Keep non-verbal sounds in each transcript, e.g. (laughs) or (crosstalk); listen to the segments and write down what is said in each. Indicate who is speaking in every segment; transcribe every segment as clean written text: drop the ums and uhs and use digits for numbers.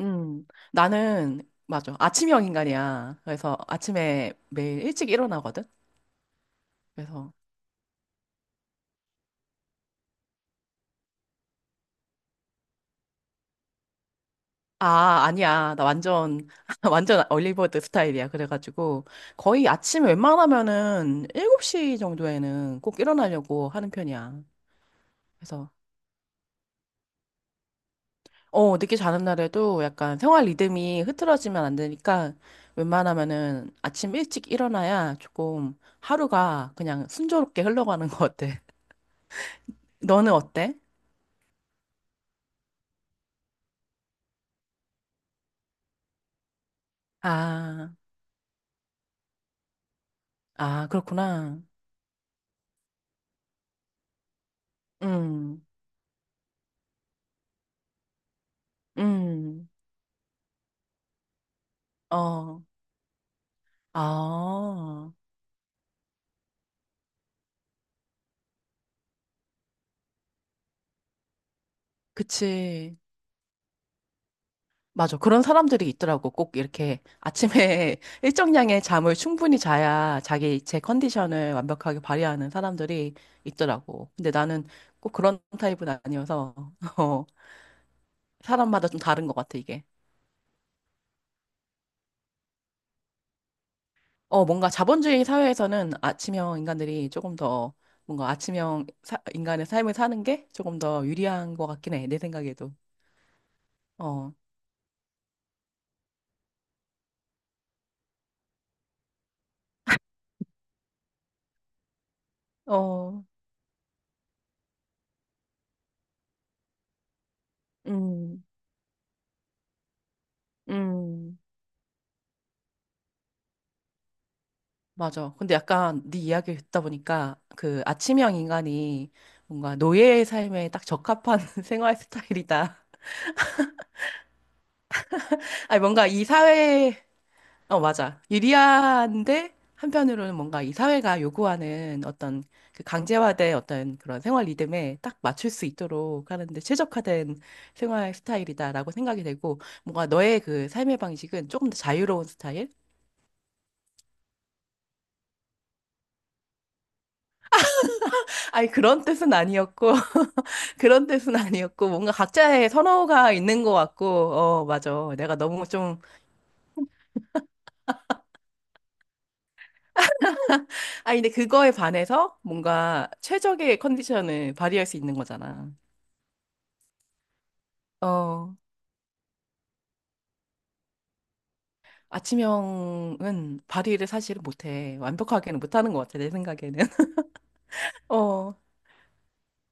Speaker 1: 음, 나는, 맞아. 아침형 인간이야. 그래서 아침에 매일 일찍 일어나거든? 그래서, 아니야. 나 완전, (laughs) 완전 얼리버드 스타일이야. 거의 아침에 웬만하면은 7시 정도에는 꼭 일어나려고 하는 편이야. 그래서, 늦게 자는 날에도 약간 생활 리듬이 흐트러지면 안 되니까, 웬만하면은 아침 일찍 일어나야 조금 하루가 그냥 순조롭게 흘러가는 것 같아. 너는 어때? 아. 아, 그렇구나. 음, 음, 어, 아, 그치. 맞아. 그런 사람들이 있더라고. 꼭 이렇게 아침에 (laughs) 일정량의 잠을 충분히 자야 자기 제 컨디션을 완벽하게 발휘하는 사람들이 있더라고. 근데 나는 꼭 그런 타입은 아니어서, (laughs) 어, 사람마다 좀 다른 것 같아, 이게. 뭔가 자본주의 사회에서는 아침형 인간들이 조금 더 뭔가 인간의 삶을 사는 게 조금 더 유리한 것 같긴 해. 내 생각에도. 어. 어, 음, 음, 맞아. 근데 약간 네 이야기를 듣다 보니까 그 아침형 인간이 뭔가 노예의 삶에 딱 적합한 (laughs) 생활 스타일이다. (laughs) 아니, 뭔가 맞아. 유리한데 한편으로는 뭔가 이 사회가 요구하는 어떤 그 강제화된 어떤 그런 생활 리듬에 딱 맞출 수 있도록 하는데 최적화된 생활 스타일이다라고 생각이 되고 뭔가 너의 그 삶의 방식은 조금 더 자유로운 스타일? 아니, 그런 뜻은 아니었고. 그런 뜻은 아니었고, 뭔가 각자의 선호가 있는 것 같고, 맞아. 내가 너무 좀, 아, 근데 그거에 반해서 뭔가 최적의 컨디션을 발휘할 수 있는 거잖아. 어, 아침형은 발휘를 사실은 못해. 완벽하게는 못하는 것 같아, 내 생각에는. (laughs) 어,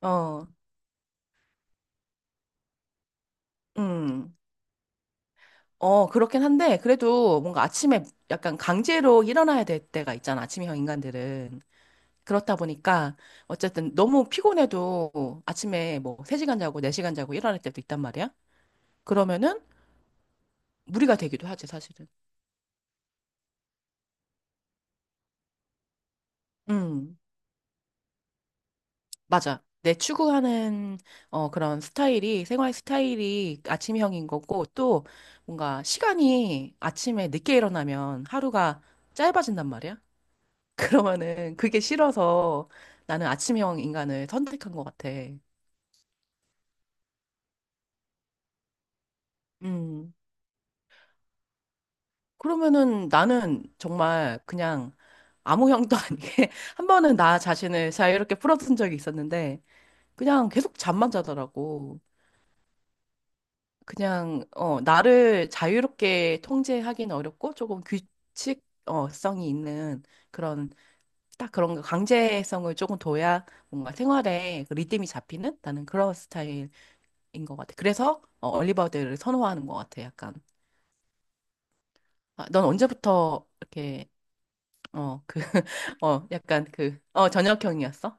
Speaker 1: 어, 음. 그렇긴 한데, 그래도 뭔가 아침에 약간 강제로 일어나야 될 때가 있잖아, 아침형 인간들은. 그렇다 보니까 어쨌든 너무 피곤해도 아침에 뭐 3시간 자고 4시간 자고 일어날 때도 있단 말이야. 그러면은 무리가 되기도 하지, 사실은. 음, 맞아. 내 추구하는 그런 스타일이 생활 스타일이 아침형인 거고 또 뭔가 시간이 아침에 늦게 일어나면 하루가 짧아진단 말이야. (laughs) 그러면은 그게 싫어서 나는 아침형 인간을 선택한 것 같아. 음. 그러면은 나는 정말 그냥 아무 형도 아니게 (laughs) 한 번은 나 자신을 자유롭게 풀어둔 적이 있었는데 그냥 계속 잠만 자더라고. 그냥 나를 자유롭게 통제하기는 어렵고 조금 규칙 성이 있는 그런 딱 그런 거 강제성을 조금 둬야 뭔가 생활에 그 리듬이 잡히는 나는 그런 스타일인 것 같아. 그래서 리버드를 선호하는 것 같아. 약간 아, 넌 언제부터 이렇게 어, 그, (laughs) 저녁형이었어?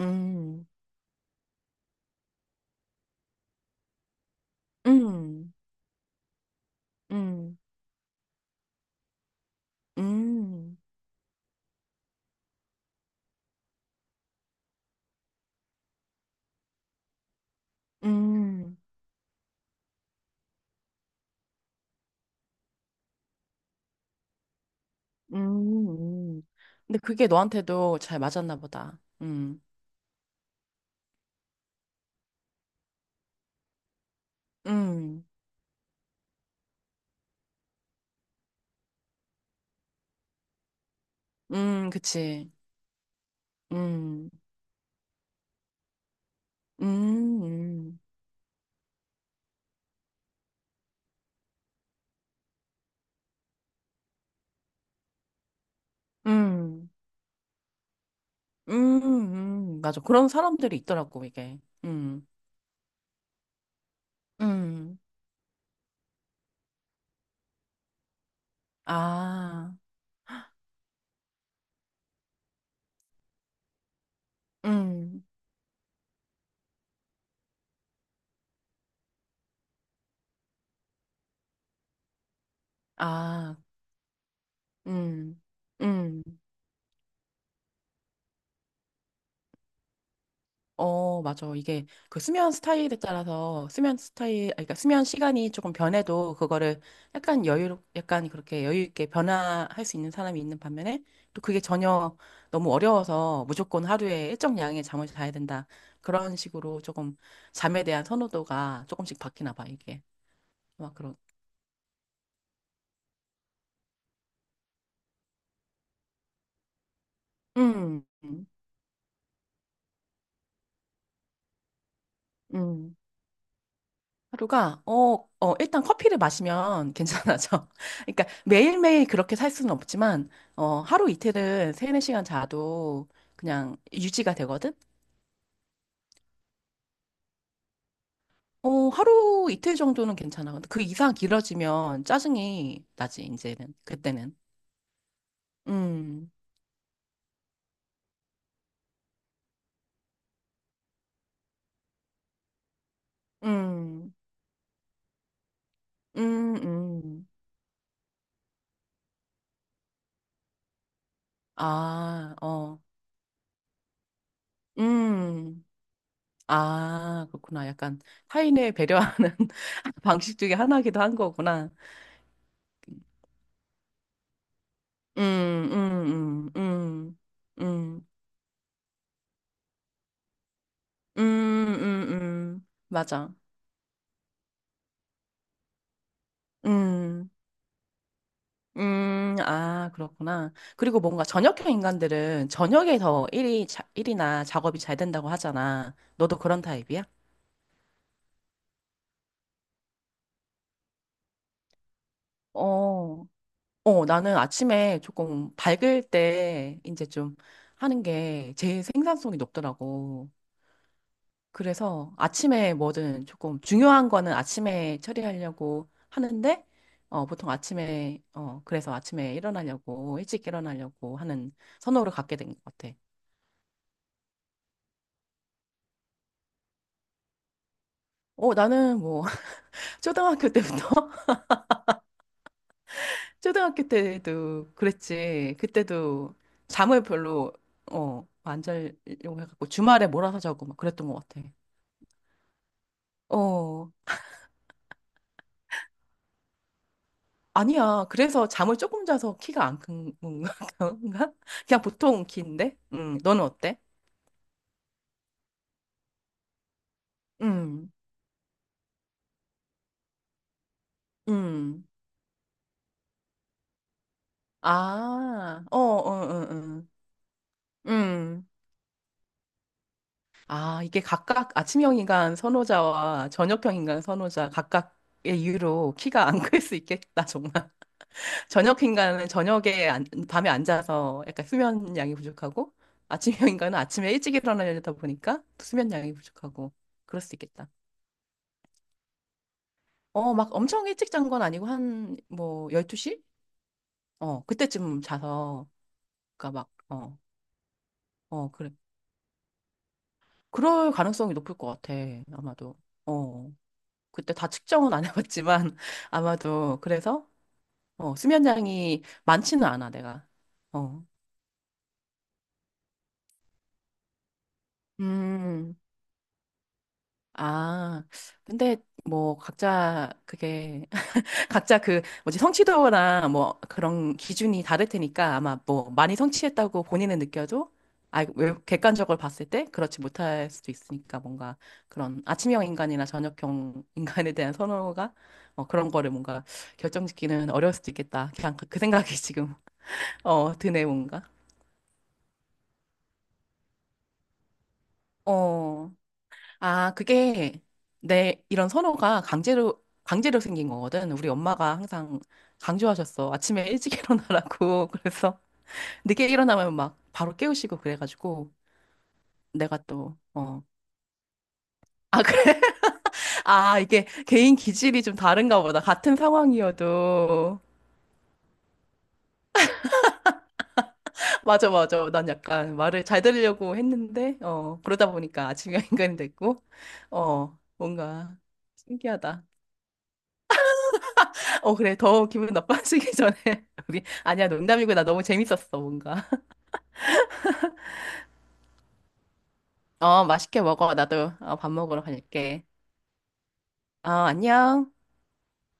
Speaker 1: 음, 음, 음, 음, 음, 음. 음. 근데 그게 너한테도 잘 맞았나 보다. 음, 그치. 음, 음, 음, 음, 맞아. 그런 사람들이 있더라고, 이게. 음, 음, 아, 음, 아, 음, 음. 맞아. 이게 그 수면 스타일에 따라서 수면 스타일, 아니, 그러니까 수면 시간이 조금 변해도 그거를 약간 그렇게 여유 있게 변화할 수 있는 사람이 있는 반면에 또 그게 전혀 너무 어려워서 무조건 하루에 일정 양의 잠을 자야 된다. 그런 식으로 조금 잠에 대한 선호도가 조금씩 바뀌나 봐, 이게. 막 그런. 음, 음. 하루가 일단 커피를 마시면 (laughs) 괜찮아져. 그러니까 매일매일 그렇게 살 수는 없지만 하루 이틀은 세네 시간 자도 그냥 유지가 되거든. 하루 이틀 정도는 괜찮아. 근데 그 이상 길어지면 짜증이 나지 이제는, 그때는. 음. 음. 음. 음. 아, 어. 음. 아, 그렇구나. 약간 타인을 배려하는 (laughs) 방식 중에 하나기도 한 거구나. 음, 음, 음, 음, 음, 맞아. 음, 아, 그렇구나. 그리고 뭔가 저녁형 인간들은 저녁에 더 일이나 작업이 잘 된다고 하잖아. 너도 그런 타입이야? 어, 나는 아침에 조금 밝을 때 이제 좀 하는 게 제일 생산성이 높더라고. 그래서 아침에 뭐든 조금 중요한 거는 아침에 처리하려고 하는데, 보통 그래서 아침에 일찍 일어나려고 하는 선호를 갖게 된 것 같아. 나는 뭐, (laughs) 초등학교 때부터, (laughs) 초등학교 때도 그랬지. 그때도 잠을 별로 안 자려고 해갖고 주말에 몰아서 자고 막 그랬던 것 같아. 어, 아니야. 그래서 잠을 조금 자서 키가 안 큰 건가? (laughs) 그런가? 그냥 보통 키인데? 응 너는 어때? 음, 음. 아, 음. 아, 이게 각각 아침형 인간 선호자와 저녁형 인간 선호자 각각의 이유로 키가 안 클 수 있겠다, 정말. (laughs) 저녁 인간은 저녁에 안, 밤에 앉아서 약간 수면 양이 부족하고, 아침형 인간은 아침에 일찍 일어나려다 보니까 수면 양이 부족하고, 그럴 수 있겠다. 막 엄청 일찍 잔 건 아니고, 12시? 그때쯤 자서, 그니까 막, 어, 어, 그래. 그럴 가능성이 높을 것 같아, 아마도. 어, 그때 다 측정은 안 해봤지만, (laughs) 아마도. 수면량이 많지는 않아, 내가. 어. 음, 아, 근데 뭐, 각자 그 뭐지 성취도나 뭐 그런 기준이 다를 테니까 아마 뭐 많이 성취했다고 본인은 느껴도 아, 왜 객관적으로 봤을 때 그렇지 못할 수도 있으니까 뭔가 그런 아침형 인간이나 저녁형 (laughs) 인간에 대한 선호가 그런 거를 뭔가 결정짓기는 어려울 수도 있겠다. 그 생각이 지금 (laughs) 드네 뭔가. 어. 아, 그게 내 이런 선호가 강제로 생긴 거거든. 우리 엄마가 항상 강조하셨어. 아침에 일찍 (laughs) 일어나라고. 그래서 늦게 일어나면 막 바로 깨우시고 그래가지고 내가 또 어. 아, 그래? (laughs) 아, 이게 개인 기질이 좀 다른가 보다. 같은 상황이어도. (laughs) 맞아, 맞아. 난 약간 말을 잘 들으려고 했는데, 그러다 보니까 아침형 (laughs) 인간이 됐고, 어, 뭔가 신기하다. 어, 그래. 더 기분 나빠지기 (laughs) 전에. 우리, 아니야, 농담이고. 나 너무 재밌었어, 뭔가. (laughs) 어, 맛있게 먹어. 나도 밥 먹으러 갈게. 어, 안녕.